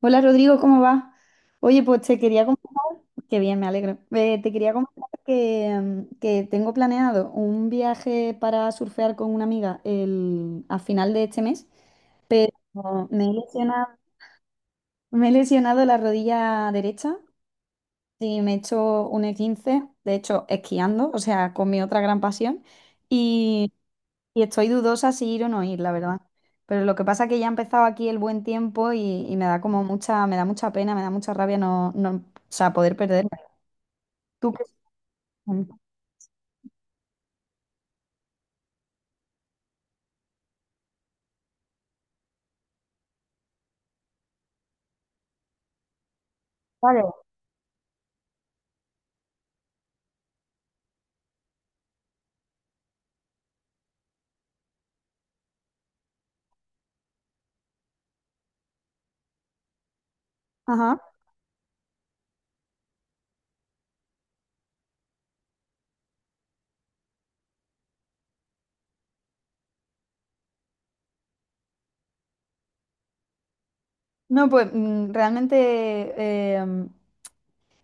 Hola Rodrigo, ¿cómo va? Oye, pues te quería comentar, qué bien, me alegro. Te quería comentar que que tengo planeado un viaje para surfear con una amiga a final de este mes. Como me he lesionado, me he lesionado la rodilla derecha y me he hecho un E15, de hecho, esquiando, o sea, con mi otra gran pasión. Y estoy dudosa si ir o no ir, la verdad. Pero lo que pasa es que ya ha empezado aquí el buen tiempo y me da como me da mucha pena, me da mucha rabia no, no, o sea, poder perderme. ¿Tú qué? Vale. Ajá. No, pues realmente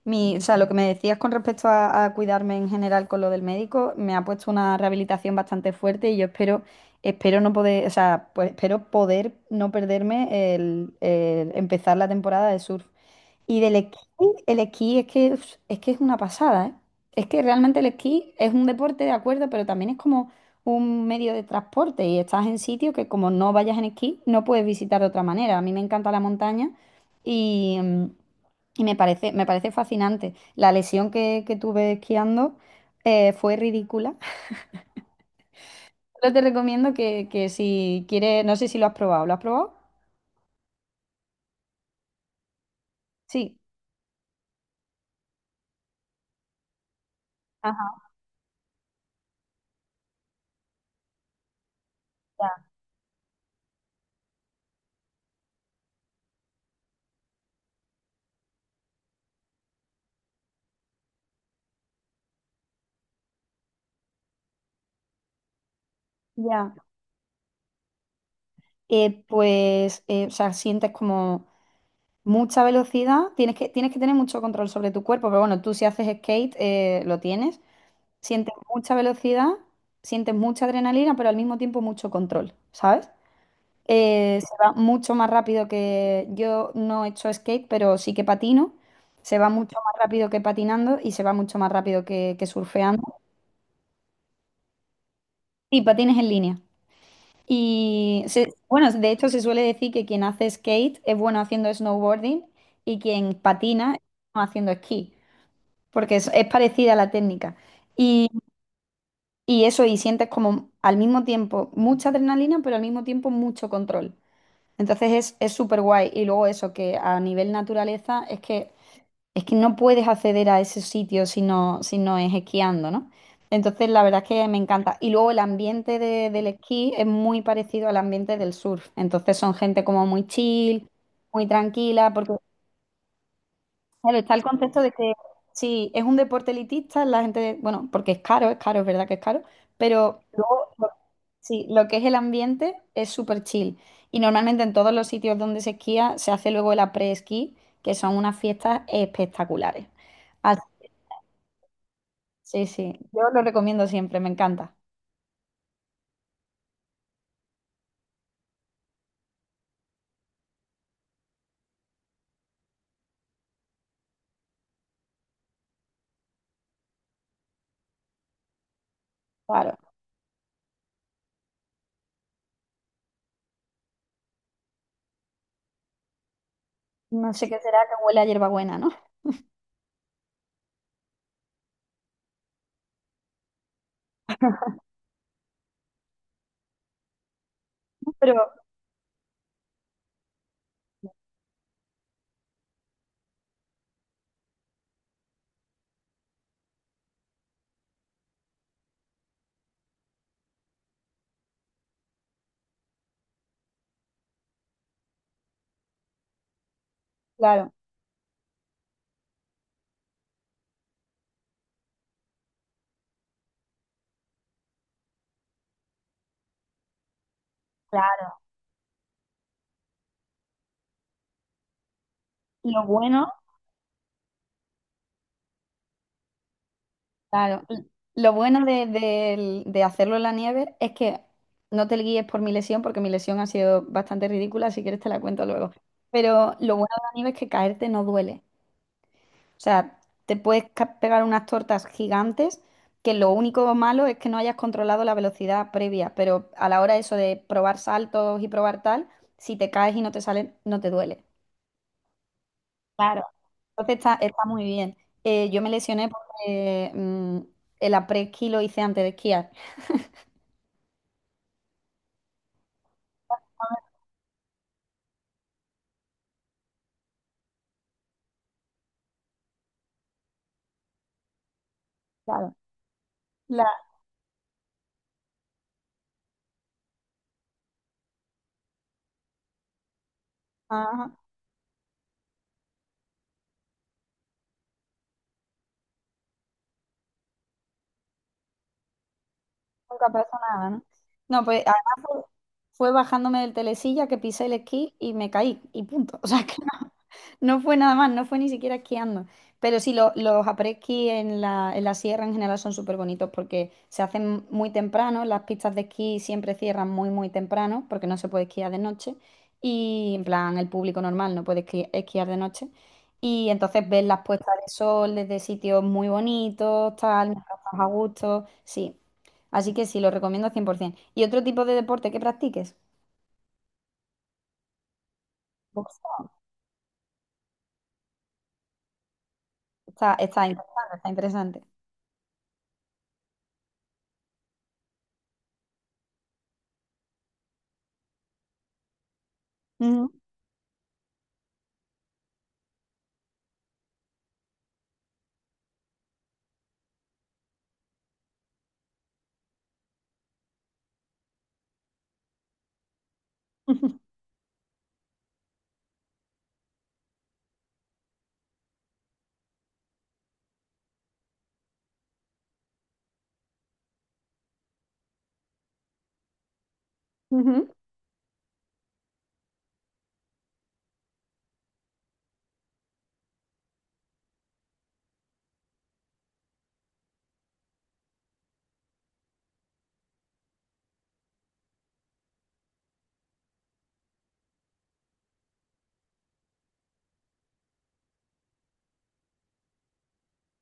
o sea, lo que me decías con respecto a cuidarme en general con lo del médico, me ha puesto una rehabilitación bastante fuerte y yo espero no poder, o sea, pues espero poder no perderme el empezar la temporada de surf. Y del esquí, el esquí es que, uf, es que es una pasada, ¿eh? Es que realmente el esquí es un deporte, de acuerdo, pero también es como un medio de transporte y estás en sitios que como no vayas en esquí, no puedes visitar de otra manera. A mí me encanta la montaña y me parece fascinante. La lesión que tuve esquiando fue ridícula. Pero te recomiendo que si quieres, no sé si lo has probado. ¿Lo has probado? Sí. Ajá, ya. O sea, sientes como mucha velocidad, tienes que tener mucho control sobre tu cuerpo, pero bueno, tú si haces skate, lo tienes, sientes mucha velocidad, sientes mucha adrenalina, pero al mismo tiempo mucho control, ¿sabes? Se va mucho más rápido que yo no he hecho skate, pero sí que patino, se va mucho más rápido que patinando y se va mucho más rápido que surfeando y patines en línea. Bueno, de hecho se suele decir que quien hace skate es bueno haciendo snowboarding y quien patina es bueno haciendo esquí, porque es parecida la técnica. Y, y eso, y sientes como al mismo tiempo mucha adrenalina, pero al mismo tiempo mucho control. Es súper guay. Y luego eso, que a nivel naturaleza es que no puedes acceder a ese sitio si no es esquiando, ¿no? Entonces, la verdad es que me encanta. Y luego el ambiente del esquí es muy parecido al ambiente del surf. Entonces, son gente como muy chill, muy tranquila, porque, claro, está el concepto de que si es un deporte elitista, la gente, bueno, porque es caro, es verdad que es caro, pero sí, lo que es el ambiente es súper chill. Y normalmente en todos los sitios donde se esquía se hace luego el après-esquí, que son unas fiestas espectaculares. Sí, sí, yo lo recomiendo siempre, me encanta. Claro, no sé qué será que huele a hierbabuena, ¿no? Pero claro, claro, lo bueno, claro, lo bueno de hacerlo en la nieve es que no te guíes por mi lesión, porque mi lesión ha sido bastante ridícula, si quieres te la cuento luego. Pero lo bueno de la nieve es que caerte no duele. O sea, te puedes pegar unas tortas gigantes que lo único malo es que no hayas controlado la velocidad previa, pero a la hora eso de probar saltos y probar tal, si te caes y no te sale, no te duele. Claro. Entonces está muy bien. Yo me lesioné porque el après-ski lo hice antes de esquiar. Claro. La, ajá, nunca pasó nada, ¿no? No, pues además fue, Fue bajándome del telesilla que pisé el esquí y me caí y punto. O sea que no. No fue nada más, No fue ni siquiera esquiando. Pero sí, los après-ski en la sierra en general son súper bonitos porque se hacen muy temprano, las pistas de esquí siempre cierran muy temprano porque no se puede esquiar de noche y en plan el público normal no puede esquiar de noche. Y entonces ves las puestas de sol desde sitios muy bonitos, tal, mientras estás a gusto, sí. Así que sí, lo recomiendo 100%. ¿Y otro tipo de deporte que practiques? Boxeo. Está, está interesante, está interesante. Ujú. Ujú.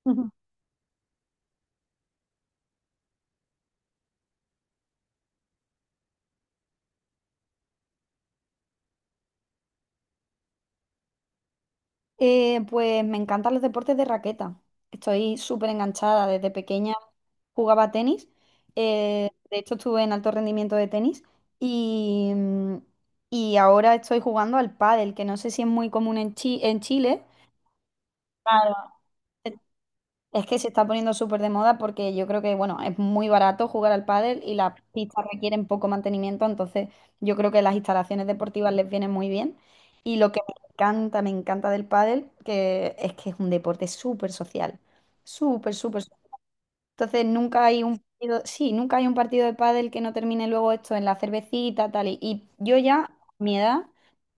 Ujú. Pues me encantan los deportes de raqueta. Estoy súper enganchada. Desde pequeña jugaba tenis. De hecho, estuve en alto rendimiento de tenis. Y y ahora estoy jugando al pádel, que no sé si es muy común en en Chile. Claro. Es que se está poniendo súper de moda porque yo creo que, bueno, es muy barato jugar al pádel y las pistas requieren poco mantenimiento, entonces yo creo que las instalaciones deportivas les vienen muy bien. Y lo que me encanta del pádel, que es un deporte súper social, súper entonces nunca hay un partido, sí, nunca hay un partido de pádel que no termine luego esto en la cervecita, tal. Y yo ya, mi edad, o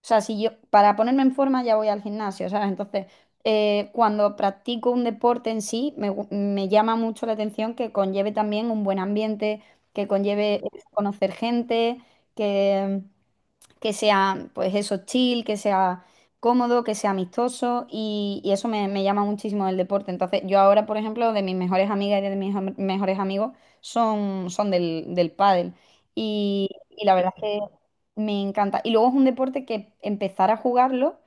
sea, si yo, para ponerme en forma ya voy al gimnasio, ¿sabes? Entonces, cuando practico un deporte en sí, me llama mucho la atención que conlleve también un buen ambiente, que conlleve conocer gente, que que sea, pues eso, chill, que sea cómodo, que sea amistoso y eso me llama muchísimo el deporte. Entonces, yo ahora, por ejemplo, de mis mejores amigas y de mis mejores amigos son del pádel y la verdad es que me encanta. Y luego es un deporte que empezar a jugarlo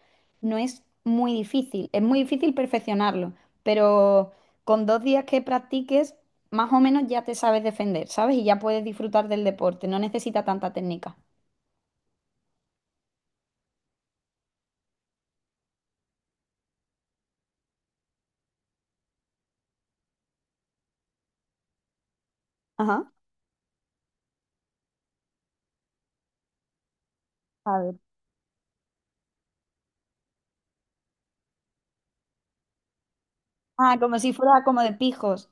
no es muy difícil, es muy difícil perfeccionarlo, pero con 2 días que practiques, más o menos ya te sabes defender, ¿sabes? Y ya puedes disfrutar del deporte, no necesita tanta técnica. Ajá. A ver. Ah, como si fuera como de pijos.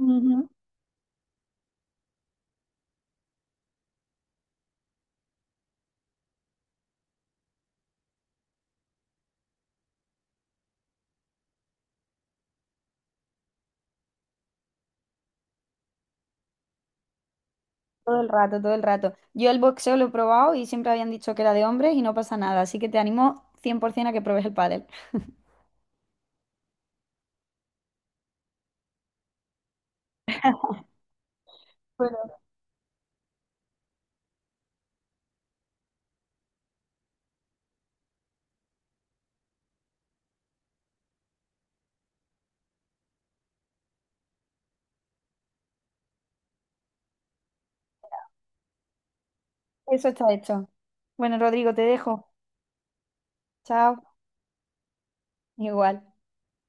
Ujú. Todo el rato, todo el rato. Yo el boxeo lo he probado y siempre habían dicho que era de hombres y no pasa nada, así que te animo 100% a que pruebes el pádel. Bueno, eso está hecho. Bueno, Rodrigo, te dejo. Chao. Igual.